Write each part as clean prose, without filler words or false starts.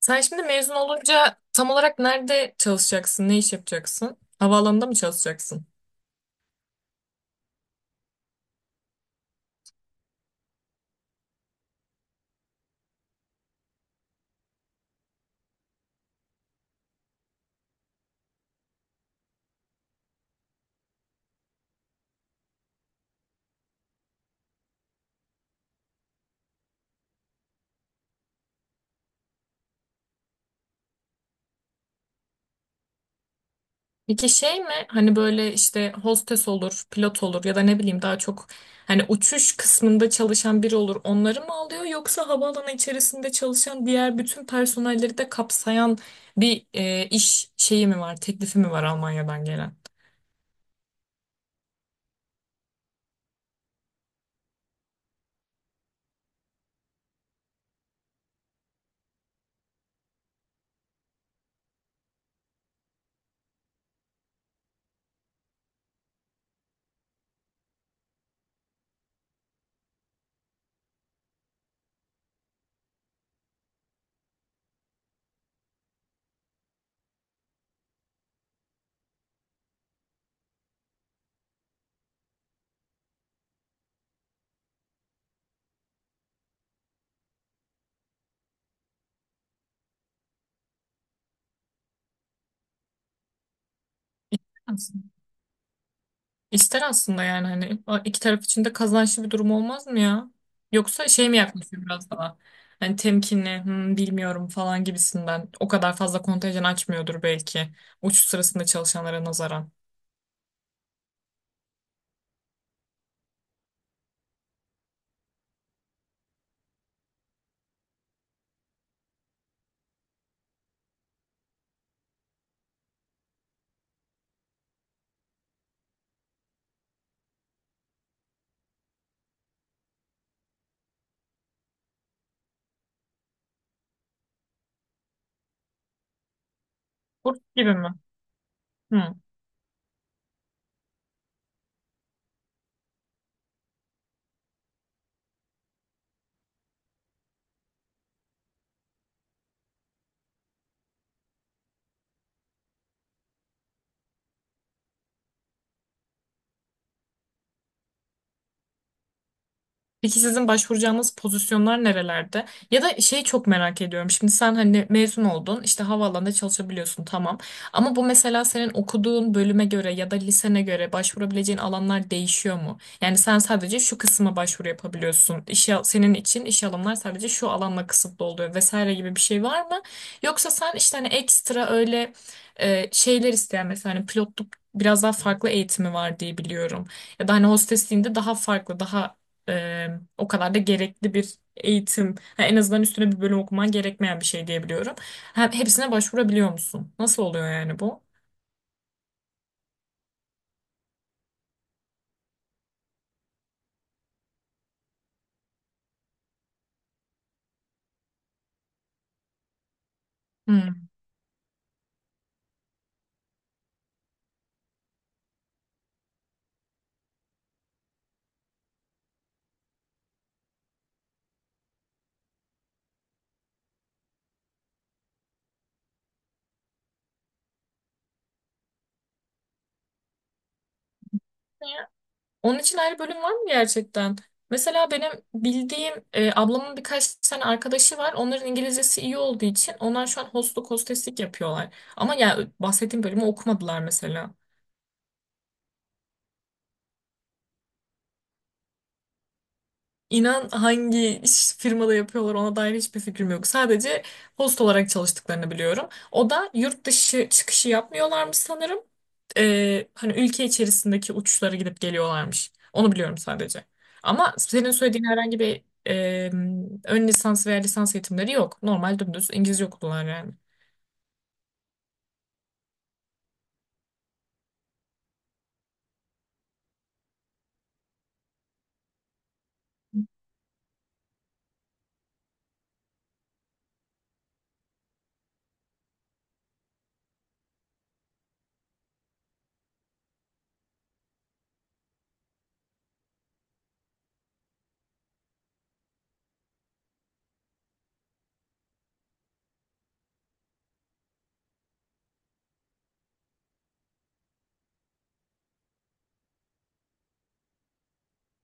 Sen şimdi mezun olunca tam olarak nerede çalışacaksın, ne iş yapacaksın? Havaalanında mı çalışacaksın? Peki şey mi hani böyle işte hostes olur, pilot olur ya da ne bileyim daha çok hani uçuş kısmında çalışan biri olur onları mı alıyor yoksa havaalanı içerisinde çalışan diğer bütün personelleri de kapsayan bir iş şeyi mi var, teklifi mi var Almanya'dan gelen? İster aslında yani hani o iki taraf için de kazançlı bir durum olmaz mı ya? Yoksa şey mi yaklaşıyor biraz daha? Hani temkinli, "Hmm, bilmiyorum falan gibisinden. O kadar fazla kontenjan açmıyordur belki. Uçuş sırasında çalışanlara nazaran. Burs gibi mi? Hı. Peki sizin başvuracağınız pozisyonlar nerelerde? Ya da şeyi çok merak ediyorum. Şimdi sen hani mezun oldun, işte havaalanında çalışabiliyorsun tamam. Ama bu mesela senin okuduğun bölüme göre ya da lisene göre başvurabileceğin alanlar değişiyor mu? Yani sen sadece şu kısma başvuru yapabiliyorsun. İş, senin için iş alanlar sadece şu alanla kısıtlı oluyor vesaire gibi bir şey var mı? Yoksa sen işte hani ekstra öyle şeyler isteyen mesela hani pilotluk biraz daha farklı eğitimi var diye biliyorum. Ya da hani hostesliğinde daha farklı, e, o kadar da gerekli bir eğitim, ha, en azından üstüne bir bölüm okuman gerekmeyen bir şey diyebiliyorum. Ha, hepsine başvurabiliyor musun? Nasıl oluyor yani bu? Hmm. Ya, onun için ayrı bölüm var mı gerçekten? Mesela benim bildiğim ablamın birkaç tane arkadaşı var. Onların İngilizcesi iyi olduğu için onlar şu an hostluk hosteslik yapıyorlar. Ama ya bahsettiğim bölümü okumadılar mesela. İnan hangi firmada yapıyorlar ona dair hiçbir fikrim yok. Sadece host olarak çalıştıklarını biliyorum. O da yurt dışı çıkışı yapmıyorlarmış sanırım. Hani ülke içerisindeki uçuşlara gidip geliyorlarmış. Onu biliyorum sadece. Ama senin söylediğin herhangi bir ön lisans veya lisans eğitimleri yok. Normal dümdüz İngilizce okudular yani.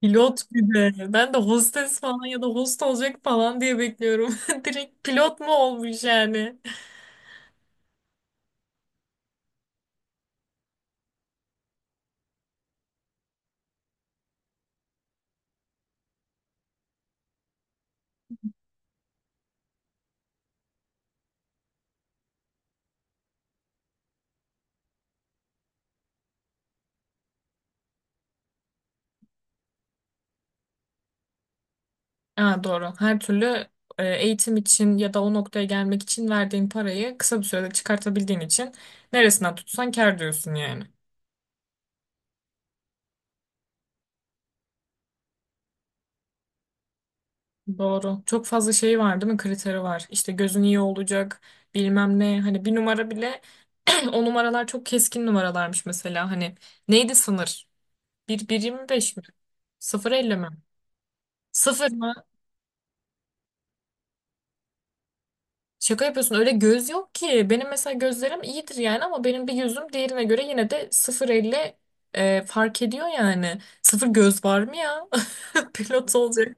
Pilot bir de. Ben de hostes falan ya da host olacak falan diye bekliyorum. Direkt pilot mu olmuş yani? Ha, doğru. Her türlü eğitim için ya da o noktaya gelmek için verdiğin parayı kısa bir sürede çıkartabildiğin için neresinden tutsan kâr diyorsun yani. Doğru. Çok fazla şey var değil mi? Kriteri var. İşte gözün iyi olacak, bilmem ne. Hani bir numara bile o numaralar çok keskin numaralarmış mesela. Hani neydi sınır? 1, 1,25 mi? 0,50 mi? Sıfır mı? Şaka yapıyorsun öyle göz yok ki. Benim mesela gözlerim iyidir yani ama benim bir gözüm diğerine göre yine de 0,50 fark ediyor yani. Sıfır göz var mı ya? Pilot olacak.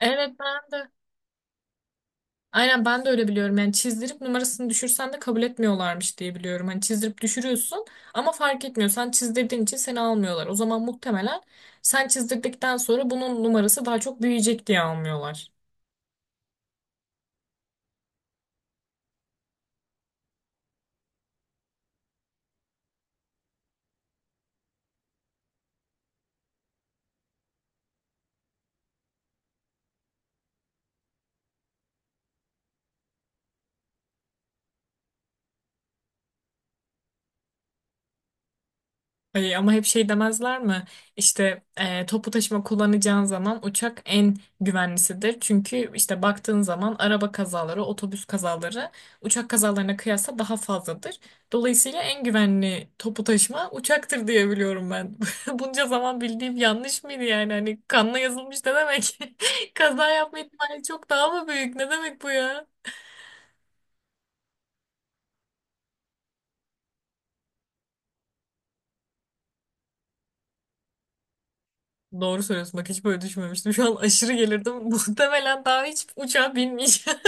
Evet ben de. Aynen ben de öyle biliyorum. Yani çizdirip numarasını düşürsen de kabul etmiyorlarmış diye biliyorum. Hani çizdirip düşürüyorsun ama fark etmiyor. Sen çizdirdiğin için seni almıyorlar. O zaman muhtemelen sen çizdirdikten sonra bunun numarası daha çok büyüyecek diye almıyorlar. Ay, ama hep şey demezler mi? İşte toplu taşıma kullanacağın zaman uçak en güvenlisidir. Çünkü işte baktığın zaman araba kazaları, otobüs kazaları uçak kazalarına kıyasla daha fazladır. Dolayısıyla en güvenli toplu taşıma uçaktır diye biliyorum ben. Bunca zaman bildiğim yanlış mıydı yani? Hani kanla yazılmış ne demek? Kaza yapma ihtimali çok daha mı büyük? Ne demek bu ya? Doğru söylüyorsun bak hiç böyle düşünmemiştim. Şu an aşırı gelirdim. Muhtemelen daha hiç uçağa binmeyeceğim.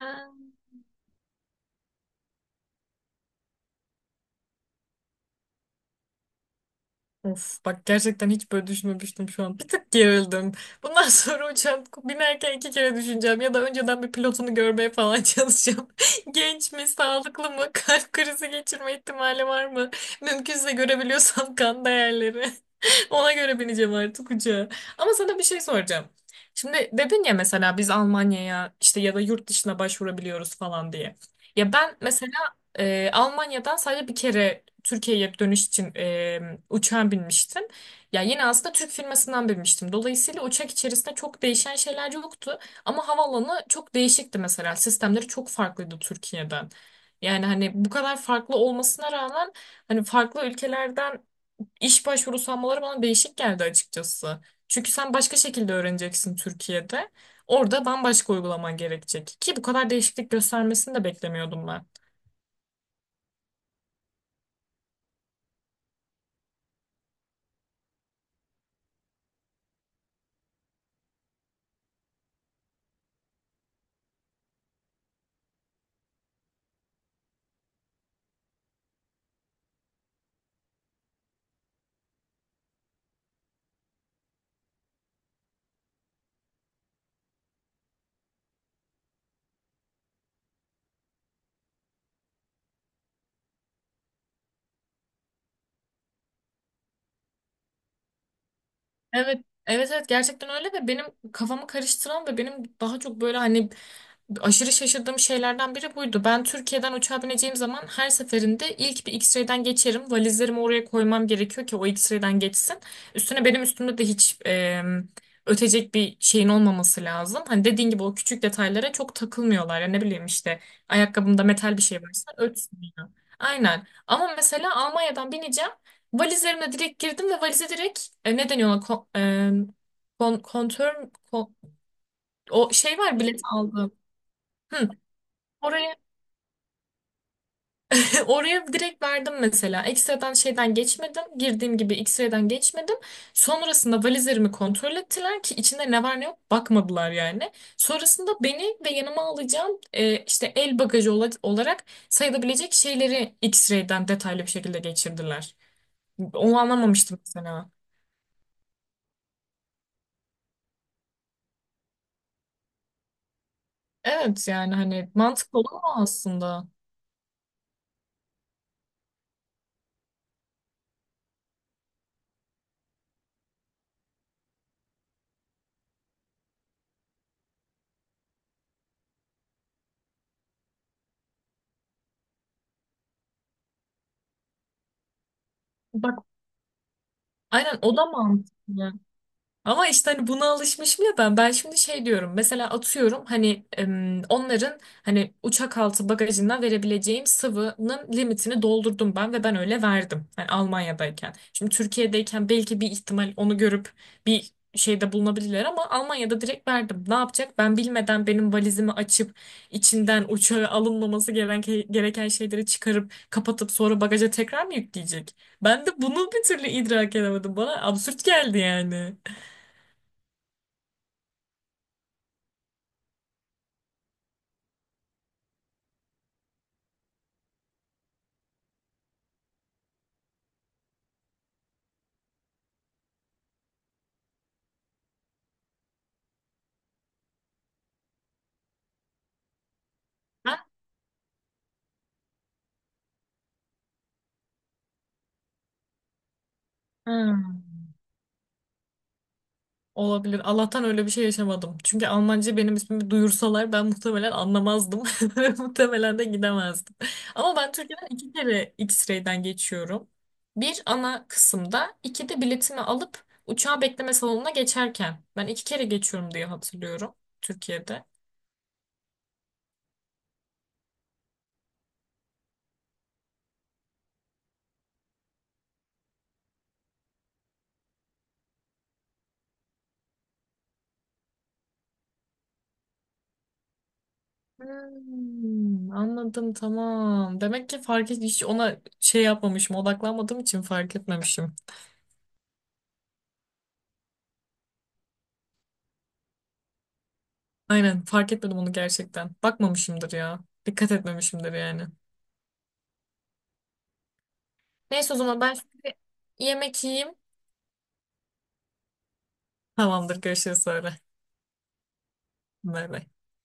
Of bak gerçekten hiç böyle düşünmemiştim şu an. Bir tık gerildim. Bundan sonra uçağa binerken iki kere düşüneceğim ya da önceden bir pilotunu görmeye falan çalışacağım. Genç mi, sağlıklı mı, kalp krizi geçirme ihtimali var mı? Mümkünse görebiliyorsam kan değerleri. Ona göre bineceğim artık uçağa. Ama sana bir şey soracağım. Şimdi dedin ya mesela biz Almanya'ya işte ya da yurt dışına başvurabiliyoruz falan diye. Ya ben mesela Almanya'dan sadece bir kere Türkiye'ye dönüş için uçağa binmiştim. Ya yine aslında Türk firmasından binmiştim. Dolayısıyla uçak içerisinde çok değişen şeyler yoktu. Ama havaalanı çok değişikti mesela. Sistemleri çok farklıydı Türkiye'den. Yani hani bu kadar farklı olmasına rağmen hani farklı ülkelerden İş başvurusu almaları bana değişik geldi açıkçası. Çünkü sen başka şekilde öğreneceksin Türkiye'de. Orada bambaşka uygulaman gerekecek. Ki bu kadar değişiklik göstermesini de beklemiyordum ben. Evet, evet evet gerçekten öyle ve benim kafamı karıştıran ve benim daha çok böyle hani aşırı şaşırdığım şeylerden biri buydu. Ben Türkiye'den uçağa bineceğim zaman her seferinde ilk bir X-ray'den geçerim. Valizlerimi oraya koymam gerekiyor ki o X-ray'den geçsin. Üstüne benim üstümde de hiç ötecek bir şeyin olmaması lazım. Hani dediğin gibi o küçük detaylara çok takılmıyorlar. Ya ne bileyim işte ayakkabımda metal bir şey varsa ötsün ya. Aynen. Ama mesela Almanya'dan bineceğim. Valizlerimle direkt girdim ve valize direkt ne deniyor ona? E, kontör mü? O şey var bilet aldım. Hı. Oraya Oraya direkt verdim mesela. X-ray'den şeyden geçmedim. Girdiğim gibi X-ray'den geçmedim. Sonrasında valizlerimi kontrol ettiler ki içinde ne var ne yok bakmadılar yani. Sonrasında beni ve yanıma alacağım işte el bagajı olarak sayılabilecek şeyleri X-ray'den detaylı bir şekilde geçirdiler. Onu anlamamıştım mesela. Evet yani hani mantıklı olan o aslında. Bak aynen o da mantıklı. Ama işte hani buna alışmışım ya ben. Ben şimdi şey diyorum. Mesela atıyorum hani onların hani uçak altı bagajından verebileceğim sıvının limitini doldurdum ben ve ben öyle verdim. Hani Almanya'dayken. Şimdi Türkiye'deyken belki bir ihtimal onu görüp bir şeyde bulunabilirler ama Almanya'da direkt verdim. Ne yapacak? Ben bilmeden benim valizimi açıp içinden uçağa alınmaması gereken, gereken şeyleri çıkarıp kapatıp sonra bagaja tekrar mı yükleyecek? Ben de bunu bir türlü idrak edemedim. Bana absürt geldi yani. Hmm. Olabilir. Allah'tan öyle bir şey yaşamadım. Çünkü Almanca benim ismimi duyursalar ben muhtemelen anlamazdım. Ve muhtemelen de gidemezdim. Ama ben Türkiye'den iki kere X-ray'den geçiyorum. Bir ana kısımda, iki de biletimi alıp uçağa bekleme salonuna geçerken. Ben iki kere geçiyorum diye hatırlıyorum Türkiye'de. Hmm, anladım tamam. Demek ki fark et hiç ona şey yapmamışım, odaklanmadığım için fark etmemişim. Aynen fark etmedim onu gerçekten. Bakmamışımdır ya. Dikkat etmemişimdir yani. Neyse o zaman ben şimdi yemek yiyeyim. Tamamdır görüşürüz sonra. Bay bay.